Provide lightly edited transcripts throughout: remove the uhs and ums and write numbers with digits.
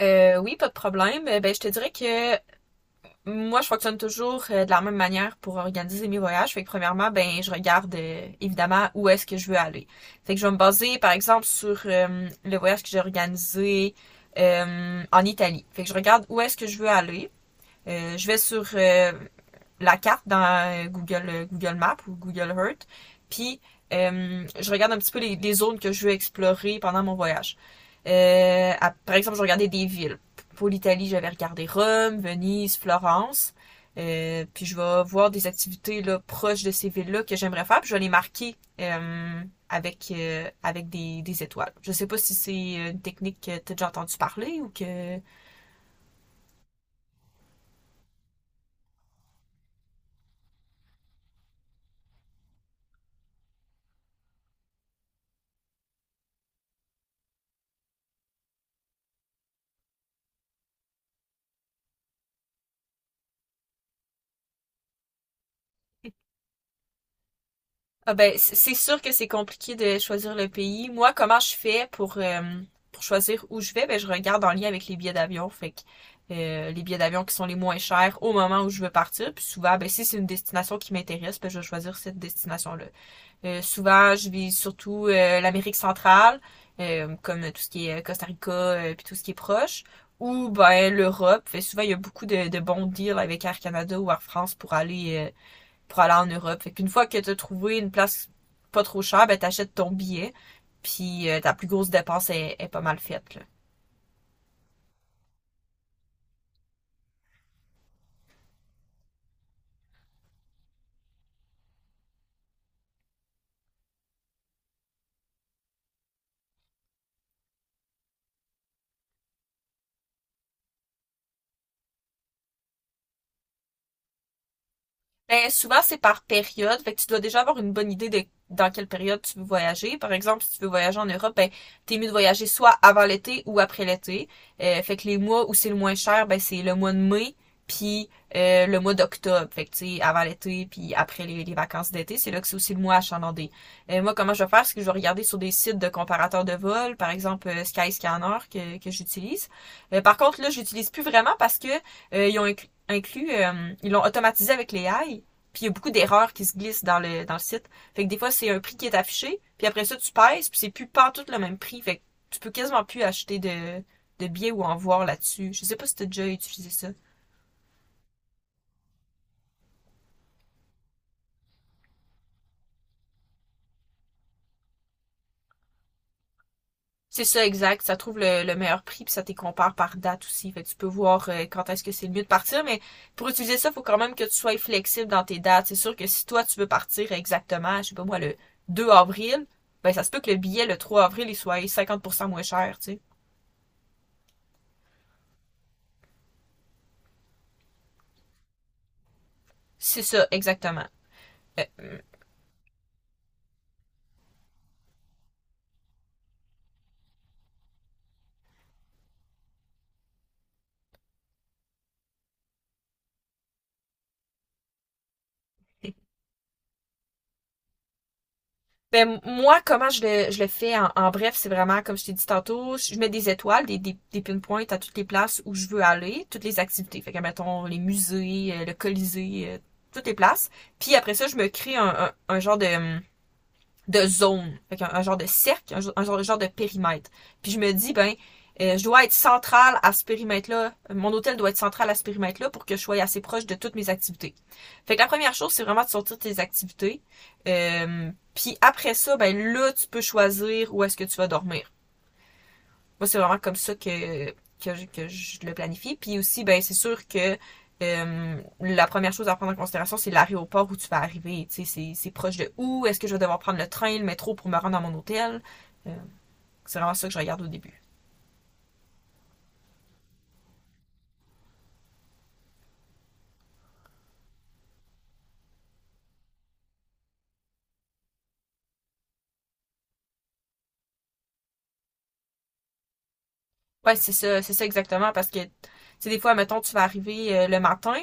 Oui, pas de problème. Ben, je te dirais que moi, je fonctionne toujours de la même manière pour organiser mes voyages. Fait que premièrement, ben, je regarde évidemment où est-ce que je veux aller. Fait que je vais me baser, par exemple, sur le voyage que j'ai organisé en Italie. Fait que je regarde où est-ce que je veux aller. Je vais sur la carte dans Google, Google Maps ou Google Earth. Puis, je regarde un petit peu zones que je veux explorer pendant mon voyage. Par exemple, je regardais des villes. Pour l'Italie, j'avais regardé Rome, Venise, Florence. Puis je vais voir des activités là, proches de ces villes-là que j'aimerais faire. Puis je vais les marquer euh, avec des étoiles. Je sais pas si c'est une technique que tu as déjà entendu parler ou que. Ah ben, c'est sûr que c'est compliqué de choisir le pays. Moi, comment je fais pour choisir où je vais? Ben, je regarde en lien avec les billets d'avion. Fait que, les billets d'avion qui sont les moins chers au moment où je veux partir. Puis souvent, ben, si c'est une destination qui m'intéresse, ben, je vais choisir cette destination-là. Souvent, je vise surtout l'Amérique centrale, comme tout ce qui est Costa Rica, puis tout ce qui est proche, ou ben l'Europe. Fait souvent, il y a beaucoup de bons deals avec Air Canada ou Air France pour aller en Europe. Fait qu'une fois que tu as trouvé une place pas trop chère, ben t'achètes ton billet, puis ta plus grosse dépense est pas mal faite, là. Ben, souvent, c'est par période. Fait que tu dois déjà avoir une bonne idée de dans quelle période tu veux voyager. Par exemple, si tu veux voyager en Europe, ben, t'es mieux de voyager soit avant l'été ou après l'été. Fait que les mois où c'est le moins cher, ben, c'est le mois de mai, puis le mois d'octobre. Fait que, tu sais, avant l'été, puis après les vacances d'été, c'est là que c'est aussi le mois achalandé. Moi, comment je vais faire? C'est que je vais regarder sur des sites de comparateurs de vols, par exemple Skyscanner que j'utilise. Par contre, là, j'utilise plus vraiment parce que ils ont inclus, inclus, ils l'ont automatisé avec les AI. Puis il y a beaucoup d'erreurs qui se glissent dans le site. Fait que des fois, c'est un prix qui est affiché, puis après ça, tu pèses, puis c'est plus partout le même prix. Fait que tu peux quasiment plus acheter de billets ou en voir là-dessus. Je sais pas si t'as déjà utilisé ça. C'est ça, exact. Ça trouve le meilleur prix, puis ça te compare par date aussi. Fait que tu peux voir quand est-ce que c'est le mieux de partir, mais pour utiliser ça, il faut quand même que tu sois flexible dans tes dates. C'est sûr que si toi, tu veux partir exactement, je sais pas moi, le 2 avril, ben ça se peut que le billet le 3 avril, il soit 50% moins cher, tu sais. C'est ça, exactement. Euh, Ben, moi, comment je le fais en bref, c'est vraiment, comme je t'ai dit tantôt, je mets des étoiles, des pinpoints à toutes les places où je veux aller, toutes les activités. Fait que, mettons, les musées, le Colisée, toutes les places. Puis après ça, je me crée un genre de zone. Fait un genre de cercle, un genre de périmètre. Puis je me dis, ben, je dois être centrale à ce périmètre-là, mon hôtel doit être central à ce périmètre-là pour que je sois assez proche de toutes mes activités. Fait que la première chose, c'est vraiment de sortir tes activités. Puis après ça, ben là, tu peux choisir où est-ce que tu vas dormir. Moi, c'est vraiment comme ça que je le planifie. Puis aussi, ben, c'est sûr que la première chose à prendre en considération, c'est l'aéroport où tu vas arriver. Tu sais, c'est proche de où? Est-ce que je vais devoir prendre le train, le métro pour me rendre à mon hôtel? Euh, c'est vraiment ça que je regarde au début. Ouais, c'est ça exactement, parce que, tu sais, des fois, mettons, tu vas arriver le matin,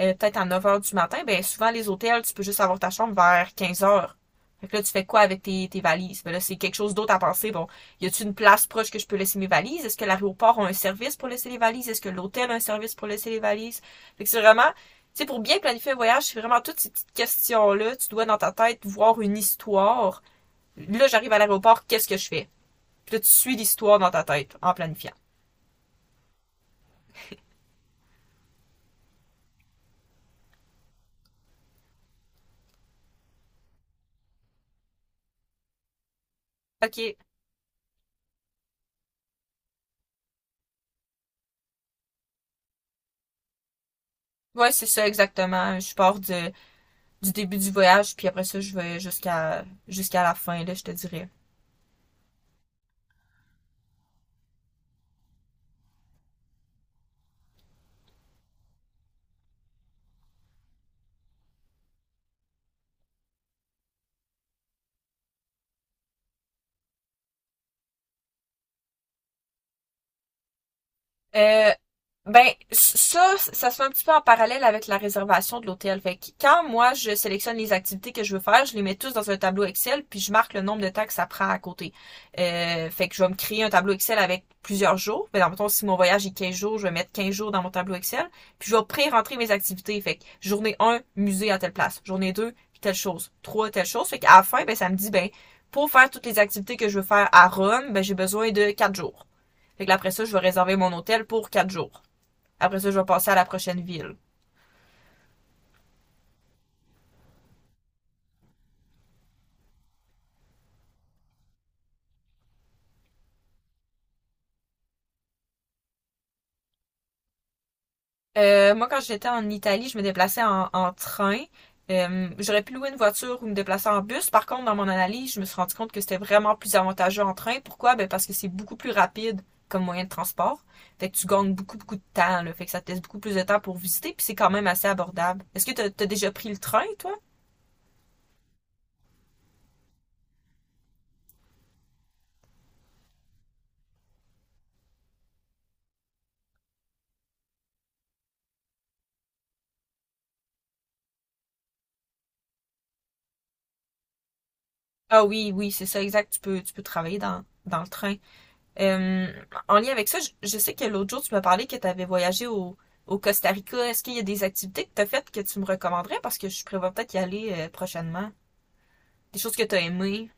peut-être à 9 heures du matin, ben souvent, les hôtels, tu peux juste avoir ta chambre vers 15 heures. Fait que là, tu fais quoi avec tes valises? Ben là, c'est quelque chose d'autre à penser. Bon, y a-t-il une place proche que je peux laisser mes valises? Est-ce que l'aéroport a un service pour laisser les valises? Est-ce que l'hôtel a un service pour laisser les valises? Fait que c'est vraiment, tu sais, pour bien planifier un voyage, c'est vraiment toutes ces petites questions-là. Tu dois, dans ta tête, voir une histoire. Là, j'arrive à l'aéroport, qu'est-ce que je fais? Puis là, tu suis l'histoire dans ta tête en planifiant. OK. Ouais, c'est ça exactement. Je pars du début du voyage, puis après ça, je vais jusqu'à la fin, là, je te dirais. Euh, Ben, ça se fait un petit peu en parallèle avec la réservation de l'hôtel. Fait que quand moi, je sélectionne les activités que je veux faire, je les mets tous dans un tableau Excel, puis je marque le nombre de temps que ça prend à côté. Fait que je vais me créer un tableau Excel avec plusieurs jours. Mais dans le mettons, si mon voyage est 15 jours, je vais mettre 15 jours dans mon tableau Excel, puis je vais pré-rentrer mes activités. Fait que journée un, musée à telle place. Journée 2, telle chose. 3, telle chose. Fait qu'à la fin, ben, ça me dit, ben, pour faire toutes les activités que je veux faire à Rome, ben, j'ai besoin de 4 jours. Fait que là, après ça, je vais réserver mon hôtel pour 4 jours. Après ça, je vais passer à la prochaine ville. Moi, quand j'étais en Italie, je me déplaçais en train. J'aurais pu louer une voiture ou me déplacer en bus. Par contre, dans mon analyse, je me suis rendu compte que c'était vraiment plus avantageux en train. Pourquoi? Ben parce que c'est beaucoup plus rapide comme moyen de transport. Fait que tu gagnes beaucoup, beaucoup de temps. Là. Fait que ça te laisse beaucoup plus de temps pour visiter, puis c'est quand même assez abordable. Est-ce que t'as as déjà pris le train, toi? Ah oui, oui, c'est ça, exact. Tu peux travailler dans le train. Euh, en lien avec ça, je sais que l'autre jour, tu m'as parlé que tu avais voyagé au Costa Rica. Est-ce qu'il y a des activités que tu as faites que tu me recommanderais? Parce que je prévois peut-être y aller prochainement. Des choses que tu as aimées.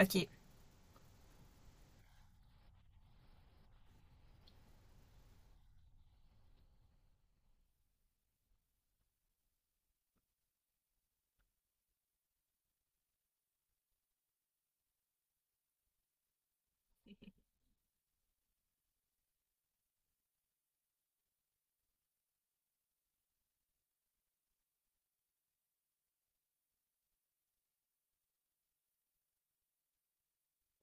OK.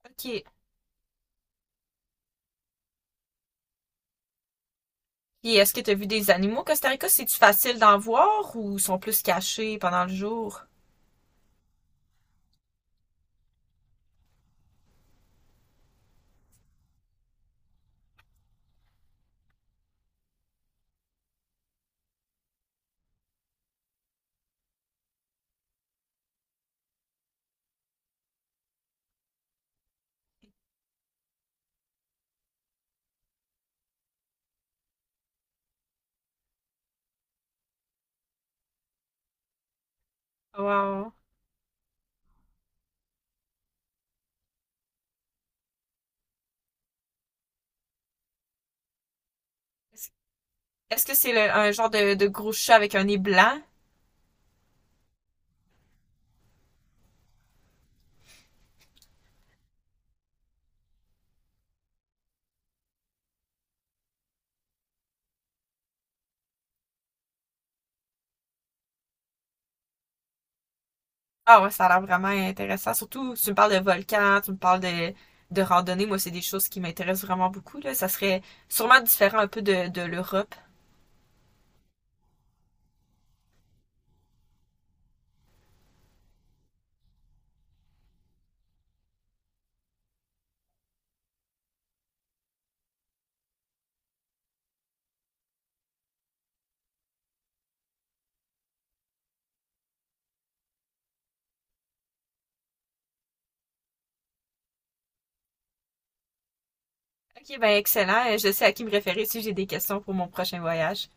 OK. Et est-ce que tu as vu des animaux au Costa Rica? C'est-tu facile d'en voir ou sont plus cachés pendant le jour? Wow. Est-ce est-ce que c'est un genre de gros chat avec un nez blanc? Ah ouais, ça a l'air vraiment intéressant. Surtout, tu me parles de volcans, tu me parles de randonnée. Moi, c'est des choses qui m'intéressent vraiment beaucoup, là. Ça serait sûrement différent un peu de l'Europe. Ok, ben excellent. Je sais à qui me référer si j'ai des questions pour mon prochain voyage.